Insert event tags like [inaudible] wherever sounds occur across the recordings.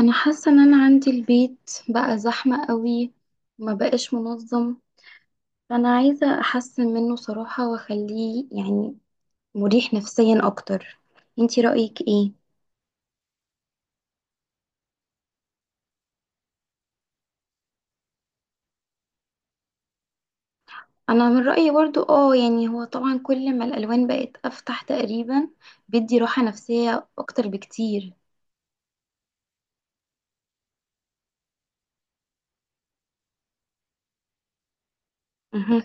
انا حاسه ان انا عندي البيت بقى زحمه قوي، وما بقاش منظم. فانا عايزه احسن منه صراحه واخليه يعني مريح نفسيا اكتر. انتي رايك ايه؟ انا من رايي برضو، يعني هو طبعا كل ما الالوان بقت افتح تقريبا بيدي راحه نفسيه اكتر بكتير. مهم.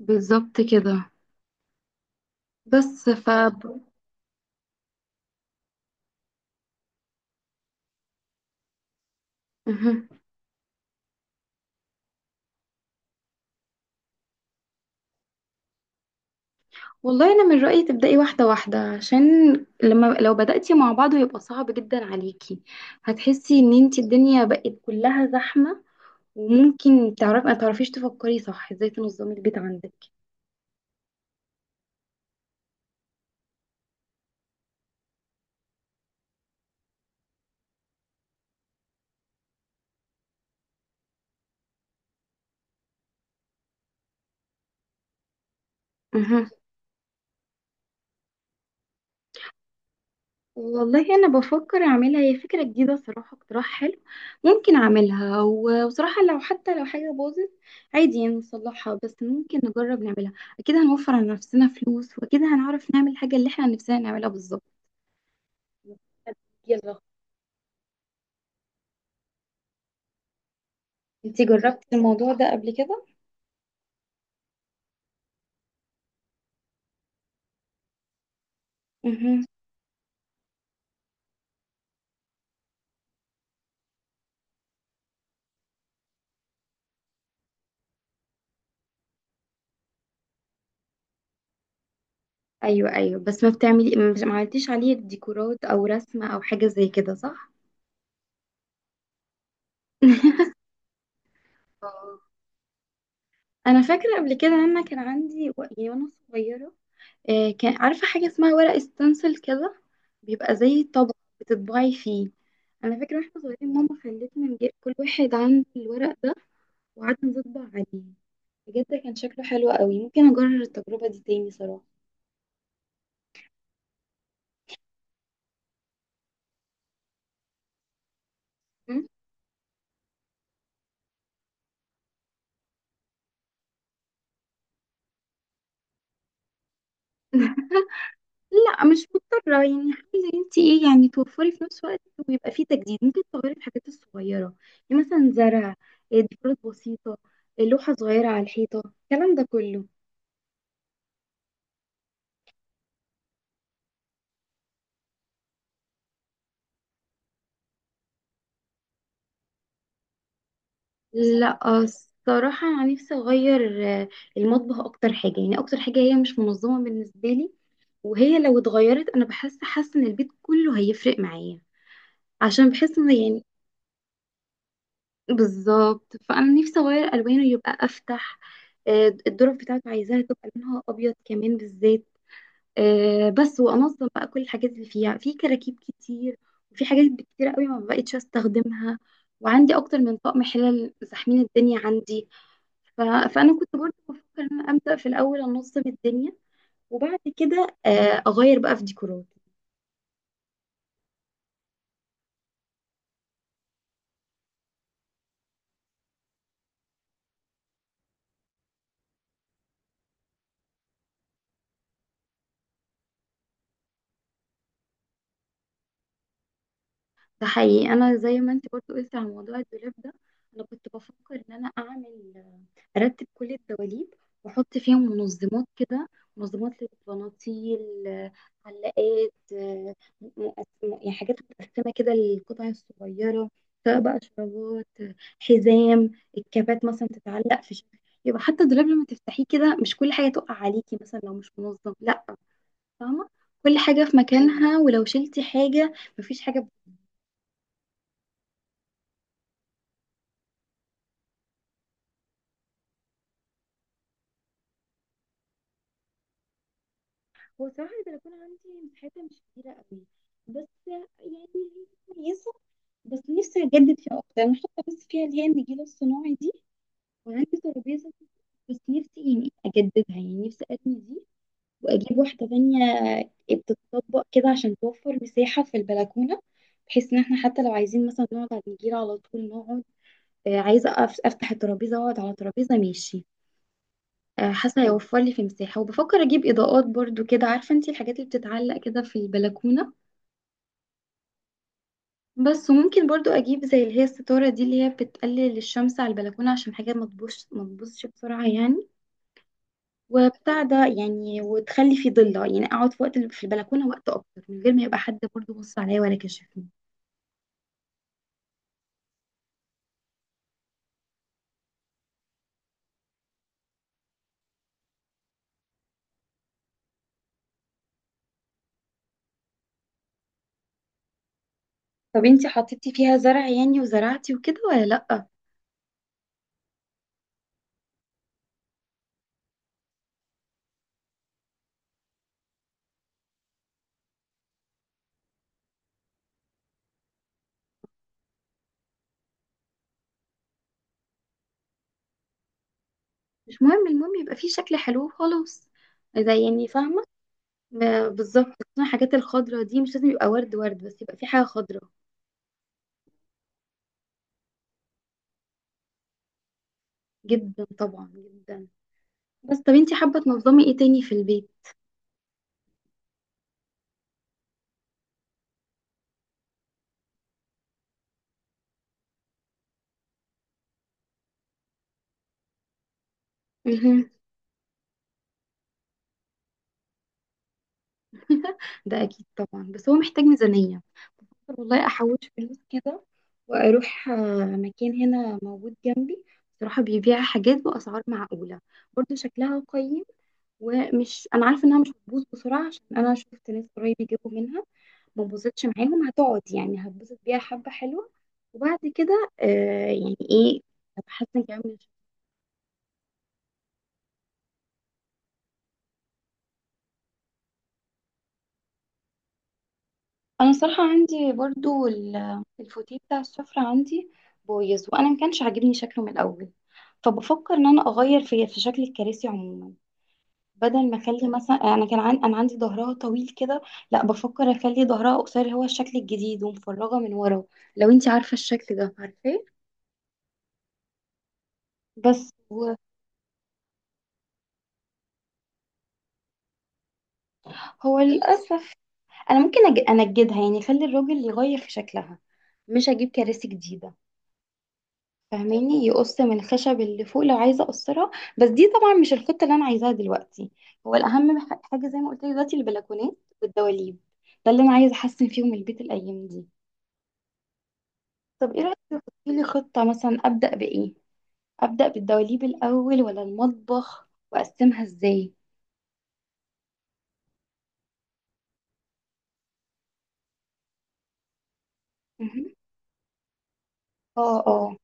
بالظبط كده، بس. مهم. والله انا من رايي تبداي واحده واحده، عشان لما لو بداتي مع بعض هيبقى صعب جدا عليكي. هتحسي ان انت الدنيا بقت كلها زحمه، وممكن ما تعرفيش تفكري صح ازاي تنظمي البيت عندك. أها. والله انا بفكر اعملها هي، فكره جديده صراحه، اقتراح حلو. ممكن اعملها، وصراحه حتى لو حاجه باظت عادي يعني نصلحها. بس ممكن نجرب نعملها، اكيد هنوفر على نفسنا فلوس، واكيد هنعرف نعمل الحاجه اللي احنا نفسنا نعملها. بالظبط. انتي جربتي الموضوع ده قبل كده؟ مهم. ايوه ايوه، بس ما بتعملي مش- ما عملتيش عليه ديكورات او رسمه او حاجه زي كده، صح؟ [laughs] اه، انا فاكره قبل كده ان انا كان عندي، وانا صغيره، كان عارفه حاجه اسمها ورق ستنسل كده. بيبقى زي طبق بتطبعي فيه. انا فاكره واحنا صغيرين ماما خلتنا نجيب كل واحد عنده الورق ده، وقعدنا نطبع عليه. بجد كان شكله حلو قوي، ممكن اجرب التجربه دي تاني صراحه. [laughs] لا، مش مضطرة، يعني عايزة انت ايه؟ يعني توفري في نفس الوقت ويبقى فيه تجديد. ممكن تغيري الحاجات الصغيرة، يعني مثلا زرع، إيه، ديكورات بسيطة، إيه، لوحة صغيرة على الحيطة، الكلام ده كله. لا، الصراحة أنا نفسي أغير المطبخ. أكتر حاجة، يعني أكتر حاجة هي مش منظمة بالنسبة لي. وهي لو اتغيرت أنا حاسة إن البيت كله هيفرق معايا. عشان بحس إن يعني، بالظبط. فانا نفسي اغير الوانه يبقى افتح. الدرج بتاعته عايزاها تبقى لونها ابيض كمان بالذات. بس وانظم بقى كل الحاجات اللي فيها في كراكيب كتير. وفي حاجات كتير قوي ما بقتش استخدمها. وعندي اكتر من طقم حلل، زحمين الدنيا عندي. ف... فانا كنت برضه بفكر ان انا ابدا في الاول انظم الدنيا، وبعد كده اغير بقى في ديكوراتي. ده حقيقي. انا زي ما انت برضه قلت على موضوع الدولاب ده، انا كنت بفكر ان انا ارتب كل الدواليب، واحط فيهم منظمات كده. منظمات للبناطيل، آه، علاقات، مقسم- يعني حاجات متقسمه كده للقطع الصغيره، سواء بقى شرابات، حزام، الكابات مثلا تتعلق في شكل. يبقى حتى الدولاب لما تفتحيه كده مش كل حاجه تقع عليكي، مثلا لو مش منظم. لا، فاهمه، كل حاجه في، ايوه، مكانها. ولو شلتي حاجه مفيش حاجه. هو صراحه البلكونه عندي مساحتها مش كبيره قوي، بس يعني هي كويسه. بس نفسي اجدد فيها اكتر. انا حاطه بس فيها اللي هي النجيله الصناعي دي، وعندي ترابيزه. بس نفسي يعني اجددها، يعني نفسي ارمي دي واجيب واحده تانية بتتطبق كده عشان توفر مساحه في البلكونه، بحيث ان احنا حتى لو عايزين مثلا نقعد على النجيله على طول نقعد. عايزه افتح الترابيزه واقعد على ترابيزه ماشي. حاسه هيوفر لي في مساحه، وبفكر اجيب اضاءات برضو كده، عارفه انتي الحاجات اللي بتتعلق كده في البلكونه. بس وممكن برضو اجيب زي اللي هي الستارة دي، اللي هي بتقلل الشمس على البلكونة، عشان حاجة ما تبوظش بسرعة يعني. وبتاع ده يعني، وتخلي في ضلة يعني اقعد في وقت في البلكونة وقت اكتر، من غير ما يبقى حد برضو بص عليا ولا كشفني. طب انتي حطيتي فيها زرع يعني وزرعتي وكده، ولا لأ؟ مش مهم، المهم يبقى فيه شكل حلو وخلاص. زي يعني، فاهمة؟ بالظبط، خصوصاً الحاجات الخضرا دي مش لازم يبقى ورد ورد، بس يبقى في حاجة خضرا. جدا طبعا جدا. بس طب انتي حابة تنظمي ايه تاني في البيت؟ [laughs] ده اكيد طبعا، بس هو محتاج ميزانية. والله احوش فلوس كده واروح مكان هنا موجود جنبي، بصراحة بيبيع حاجات بأسعار معقولة، برضه شكلها قيم. ومش، انا عارفة انها مش هتبوظ بسرعة، عشان انا شفت ناس قريب يجيبوا منها ما بوظتش معاهم، هتقعد يعني هتبوظ بيها حبة حلوة. وبعد كده، يعني ايه، هتحسن كمان. انا صراحه عندي برضو الفوتيه بتاع السفره عندي بايظ، وانا ما كانش عاجبني شكله من الاول. فبفكر ان انا اغير في شكل الكراسي عموما. بدل ما اخلي مثلا، انا انا عندي ظهرها طويل كده. لا، بفكر اخلي ظهرها قصير، هو الشكل الجديد ومفرغه من ورا. لو انت عارفه الشكل ده، عارفاه. بس هو، هو للاسف انا ممكن انجدها، يعني اخلي الراجل يغير في شكلها، مش اجيب كراسي جديده. فاهماني؟ يقص من الخشب اللي فوق لو عايزه اقصرها. بس دي طبعا مش الخطه اللي انا عايزاها دلوقتي. هو الاهم حاجه، زي ما قلت لك دلوقتي، البلكونات والدواليب، ده اللي انا عايزه احسن فيهم البيت الايام دي. طب ايه رايك تحطي لي خطه؟ مثلا ابدا بايه؟ ابدا بالدواليب الاول ولا المطبخ؟ واقسمها ازاي؟ مهم. اه اه،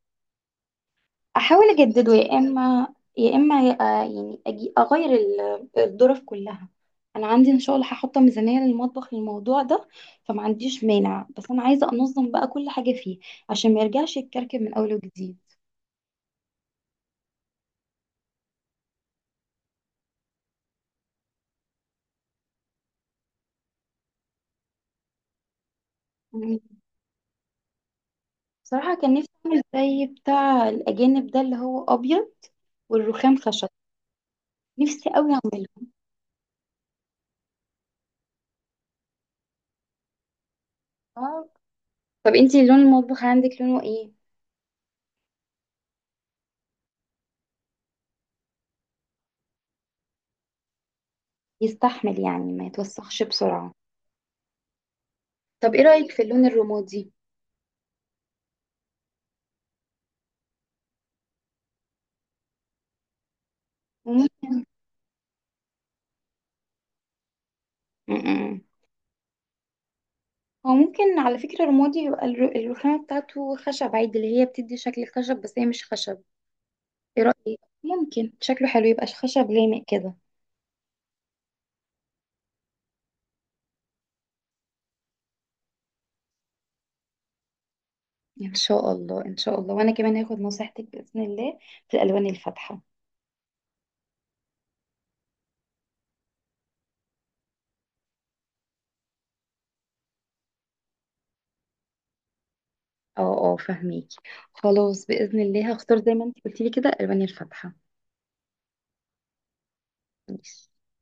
احاول اجدده يا اما يا اما، يعني أجي اغير الظرف كلها. انا عندي ان شاء الله هحط ميزانيه للمطبخ للموضوع ده، فما عنديش مانع. بس انا عايزه انظم بقى كل حاجه فيه عشان ما يرجعش يتكركب من اول وجديد. مم. بصراحه كان نفسي اعمل زي بتاع الاجانب ده اللي هو ابيض، والرخام خشب، نفسي قوي اعمله. آه. طب انتي لون المطبخ عندك لونه ايه؟ يستحمل يعني ما يتوسخش بسرعه؟ طب ايه رايك في اللون الرمادي؟ مم. هو ممكن على فكرة رمادي، يبقى الرخامة بتاعته خشب عادي، اللي هي بتدي شكل الخشب بس هي مش خشب. ايه رأيك؟ ممكن شكله حلو، يبقى خشب لامق كده. ان شاء الله ان شاء الله، وانا كمان هاخد نصيحتك بإذن الله في الألوان الفاتحة. اه اه، فهميكي. خلاص، بإذن الله هختار زي ما انت قلتي لي كده الألوان الفاتحة. ماشي.